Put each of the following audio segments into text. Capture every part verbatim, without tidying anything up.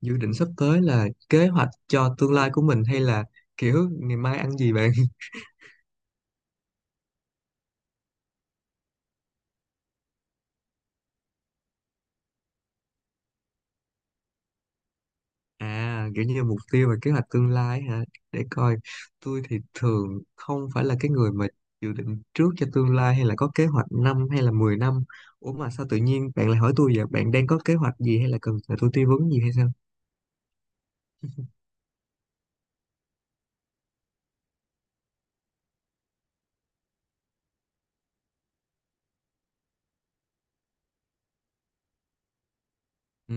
Dự định sắp tới là kế hoạch cho tương lai của mình hay là kiểu ngày mai ăn gì bạn? À kiểu như mục tiêu và kế hoạch tương lai hả? Để coi. Tôi thì thường không phải là cái người mà dự định trước cho tương lai hay là có kế hoạch năm hay là mười năm. Ủa mà sao tự nhiên bạn lại hỏi tôi vậy? Bạn đang có kế hoạch gì hay là cần nhờ tôi tư vấn gì hay sao? Ừ.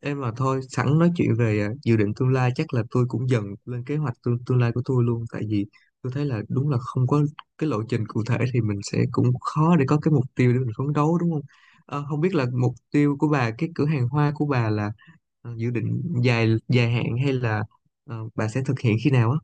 Em mà thôi, sẵn nói chuyện về à, dự định tương lai chắc là tôi cũng dần lên kế hoạch tương, tương lai của tôi luôn, tại vì tôi thấy là đúng là không có cái lộ trình cụ thể thì mình sẽ cũng khó để có cái mục tiêu để mình phấn đấu, đúng không? Ờ, không biết là mục tiêu của bà, cái cửa hàng hoa của bà là ờ, dự định dài dài hạn hay là ờ, bà sẽ thực hiện khi nào á?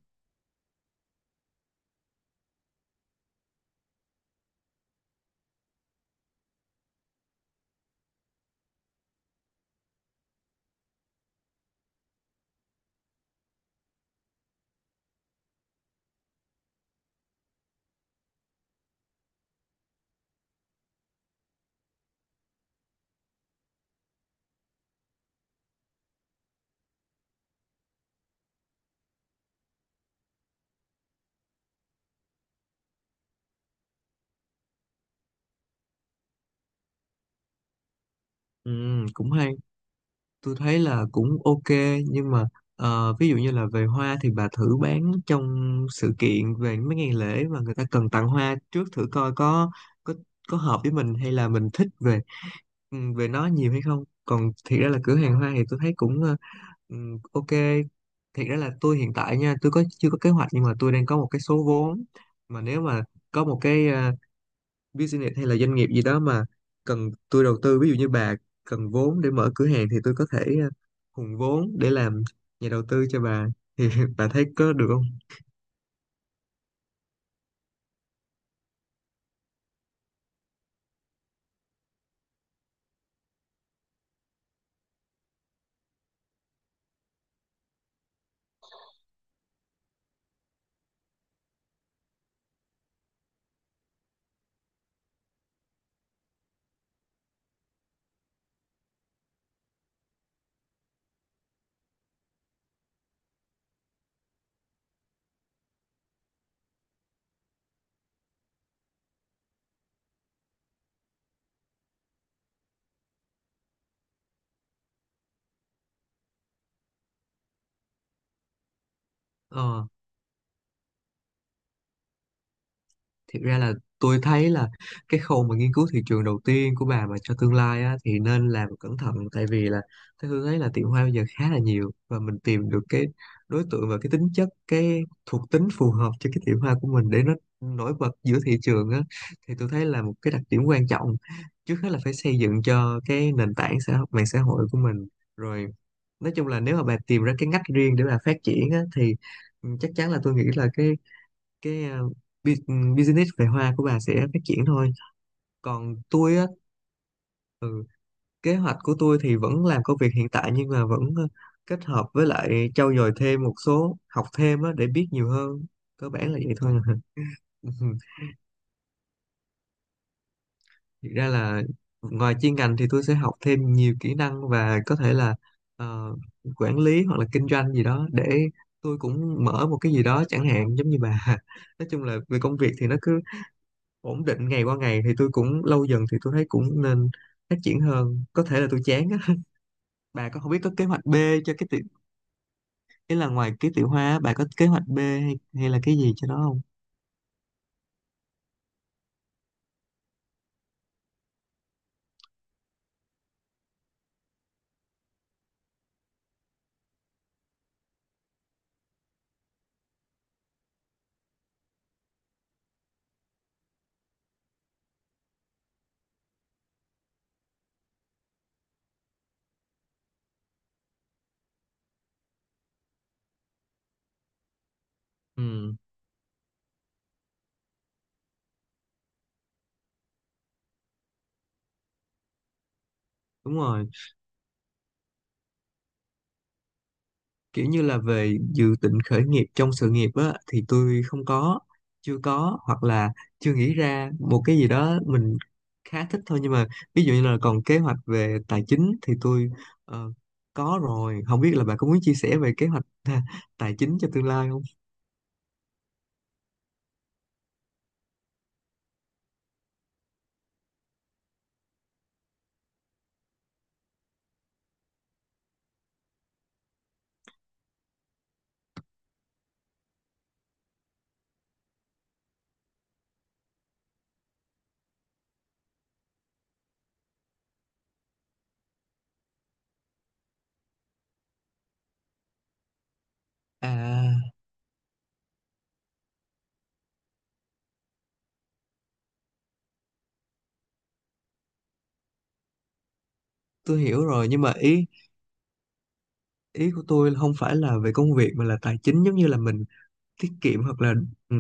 Ừ, cũng hay. Tôi thấy là cũng ok, nhưng mà ờ, ví dụ như là về hoa thì bà thử bán trong sự kiện về mấy ngày lễ mà người ta cần tặng hoa trước thử coi có có có hợp với mình hay là mình thích về ừ, về nó nhiều hay không. Còn thiệt ra là cửa hàng hoa thì tôi thấy cũng ờ, ừ, ok. Thiệt ra là tôi hiện tại nha, tôi có chưa có kế hoạch, nhưng mà tôi đang có một cái số vốn mà nếu mà có một cái ờ, business hay là doanh nghiệp gì đó mà cần tôi đầu tư, ví dụ như bà cần vốn để mở cửa hàng thì tôi có thể ờ, hùn vốn để làm nhà đầu tư cho bà thì bà thấy có được không? Ờ. Thực ra là tôi thấy là cái khâu mà nghiên cứu thị trường đầu tiên của bà mà cho tương lai á, thì nên làm cẩn thận, tại vì là tôi Hương thấy là tiệm hoa bây giờ khá là nhiều, và mình tìm được cái đối tượng và cái tính chất, cái thuộc tính phù hợp cho cái tiệm hoa của mình để nó nổi bật giữa thị trường á, thì tôi thấy là một cái đặc điểm quan trọng. Trước hết là phải xây dựng cho cái nền tảng xã hội, mạng xã hội của mình, rồi nói chung là nếu mà bà tìm ra cái ngách riêng để bà phát triển á, thì ừ, chắc chắn là tôi nghĩ là cái cái ờ, bu- business về hoa của bà sẽ phát triển thôi. Còn tôi á, kế hoạch của tôi thì vẫn làm công việc hiện tại nhưng mà vẫn ờ, kết hợp với lại trau dồi thêm một số, học thêm á để biết nhiều hơn. Cơ bản là vậy thôi. Ừ. Thực ra là ngoài chuyên ngành thì tôi sẽ học thêm nhiều kỹ năng, và có thể là ờ, quản lý hoặc là kinh doanh gì đó để tôi cũng mở một cái gì đó chẳng hạn, giống như bà. Nói chung là về công việc thì nó cứ ổn định ngày qua ngày thì tôi cũng lâu dần thì tôi thấy cũng nên phát triển hơn, có thể là tôi chán á. Bà có không biết có kế hoạch B cho cái tiểu, ý là ngoài cái tiểu hóa á, bà có kế hoạch B hay, hay là cái gì cho nó không? Ừ, đúng rồi. Kiểu như là về dự định khởi nghiệp trong sự nghiệp á thì tôi không có chưa có, hoặc là chưa nghĩ ra một cái gì đó mình khá thích thôi. Nhưng mà ví dụ như là còn kế hoạch về tài chính thì tôi ờ, có rồi. Không biết là bà có muốn chia sẻ về kế hoạch tài chính cho tương lai không? À, tôi hiểu rồi, nhưng mà ý ý của tôi không phải là về công việc mà là tài chính, giống như là mình tiết kiệm hoặc là ừ,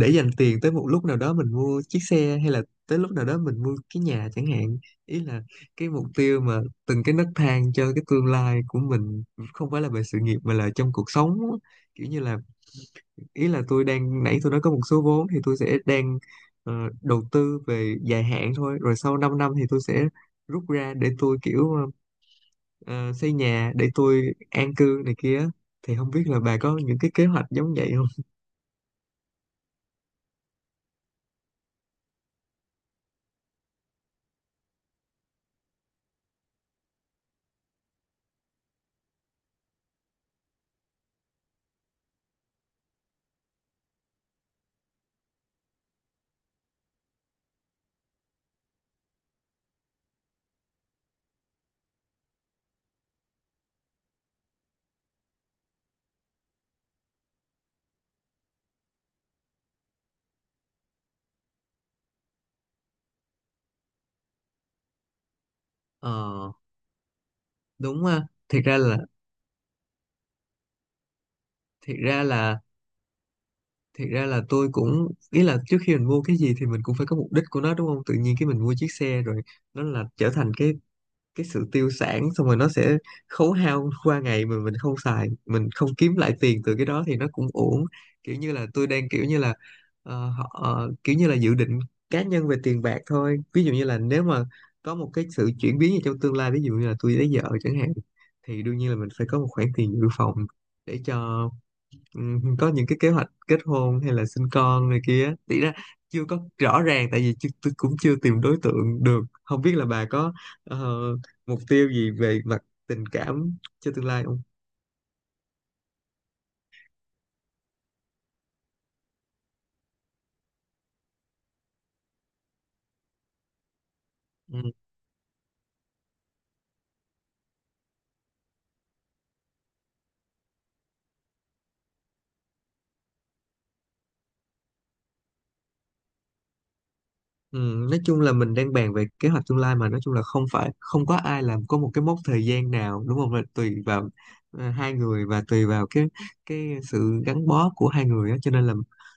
để dành tiền tới một lúc nào đó mình mua chiếc xe, hay là tới lúc nào đó mình mua cái nhà chẳng hạn. Ý là cái mục tiêu mà từng cái nấc thang cho cái tương lai của mình không phải là về sự nghiệp mà là trong cuộc sống á. Kiểu như là, ý là tôi đang nãy tôi nói có một số vốn thì tôi sẽ đang ờ, đầu tư về dài hạn thôi, rồi sau 5 năm thì tôi sẽ rút ra để tôi kiểu ờ, ờ, xây nhà để tôi an cư này kia, thì không biết là bà có những cái kế hoạch giống vậy không? Ờ, đúng ha. Thiệt ra là thiệt ra là thiệt ra là tôi cũng, ý là trước khi mình mua cái gì thì mình cũng phải có mục đích của nó, đúng không? Tự nhiên cái mình mua chiếc xe rồi nó là trở thành cái cái sự tiêu sản, xong rồi nó sẽ khấu hao qua ngày mà mình không xài, mình không kiếm lại tiền từ cái đó thì nó cũng uổng. Kiểu như là tôi đang kiểu như là ờ, họ ờ, kiểu như là dự định cá nhân về tiền bạc thôi. Ví dụ như là nếu mà có một cái sự chuyển biến gì trong tương lai, ví dụ như là tôi lấy vợ chẳng hạn, thì đương nhiên là mình phải có một khoản tiền dự phòng để cho, ừ, có những cái kế hoạch kết hôn hay là sinh con này kia thì ra chưa có rõ ràng, tại vì chưa, tôi cũng chưa tìm đối tượng được. Không biết là bà có ờ, mục tiêu gì về mặt tình cảm cho tương lai không? Ừ. Ừ, nói chung là mình đang bàn về kế hoạch tương lai, mà nói chung là không phải không có ai làm có một cái mốc thời gian nào, đúng không, là tùy vào ờ, hai người và tùy vào cái cái sự gắn bó của hai người á, cho nên là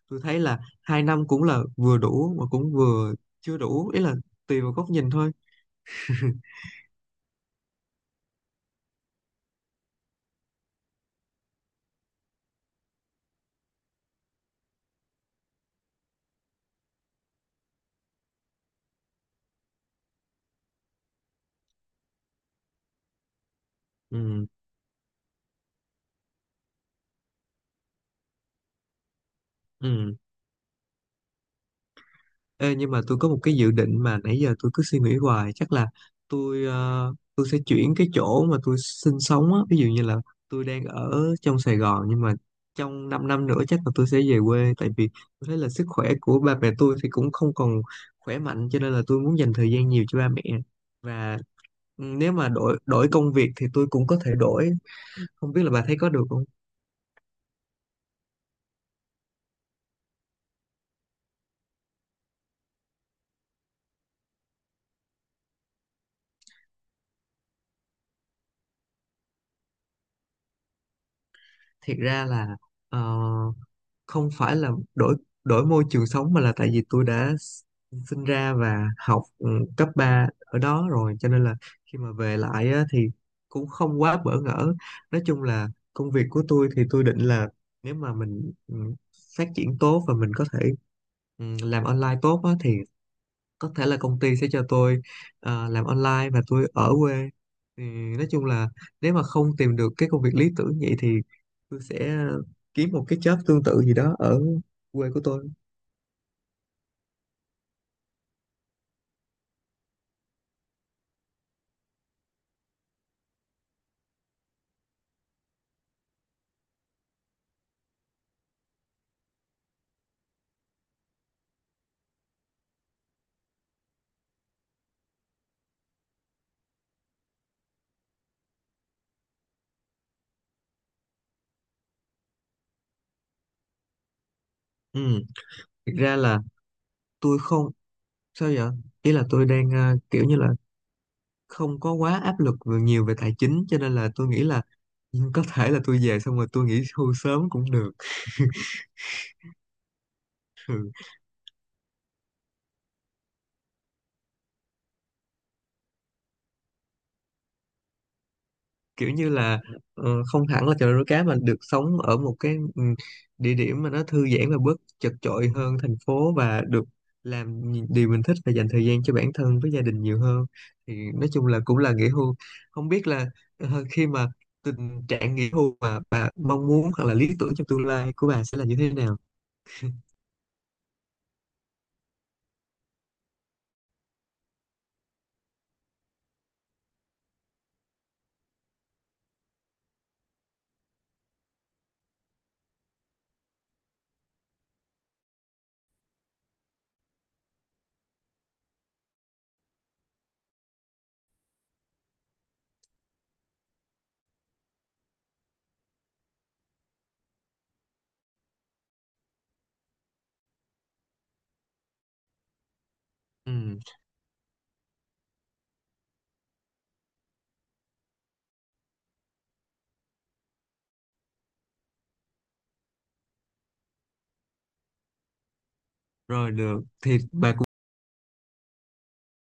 tôi thấy là hai năm cũng là vừa đủ mà cũng vừa chưa đủ, ý là tùy vào góc nhìn thôi. Ừ, ừ. Ê, nhưng mà tôi có một cái dự định mà nãy giờ tôi cứ suy nghĩ hoài, chắc là tôi ờ, tôi sẽ chuyển cái chỗ mà tôi sinh sống á. Ví dụ như là tôi đang ở trong Sài Gòn, nhưng mà trong 5 năm năm nữa chắc là tôi sẽ về quê, tại vì tôi thấy là sức khỏe của ba mẹ tôi thì cũng không còn khỏe mạnh, cho nên là tôi muốn dành thời gian nhiều cho ba mẹ. Và nếu mà đổi đổi công việc thì tôi cũng có thể đổi. Không biết là bà thấy có được không? Thiệt ra là ờ, không phải là đổi đổi môi trường sống, mà là tại vì tôi đã sinh ra và học ừ, cấp ba ở đó rồi, cho nên là khi mà về lại á, thì cũng không quá bỡ ngỡ. Nói chung là công việc của tôi thì tôi định là nếu mà mình ừ, phát triển tốt và mình có thể ừ, làm online tốt á, thì có thể là công ty sẽ cho tôi ờ, làm online và tôi ở quê, thì nói chung là nếu mà không tìm được cái công việc lý tưởng vậy thì tôi sẽ kiếm một cái job tương tự gì đó ở quê của tôi. Ừ, thực ra là tôi không, sao vậy? Ý là tôi đang ờ, kiểu như là không có quá áp lực về- nhiều về tài chính, cho nên là tôi nghĩ là có thể là tôi về xong rồi tôi nghỉ hưu sớm cũng được. Ừ. Kiểu như là ờ, không hẳn là chợ nuôi cá, mà được sống ở một cái ừ, địa điểm mà nó thư giãn và bớt chật chội hơn thành phố, và được làm những điều mình thích và dành thời gian cho bản thân với gia đình nhiều hơn, thì nói chung là cũng là nghỉ hưu. Không biết là ờ, khi mà tình trạng nghỉ hưu mà bà mong muốn hoặc là lý tưởng trong tương lai của bà sẽ là như thế nào? Ừ, rồi được thì bà cũng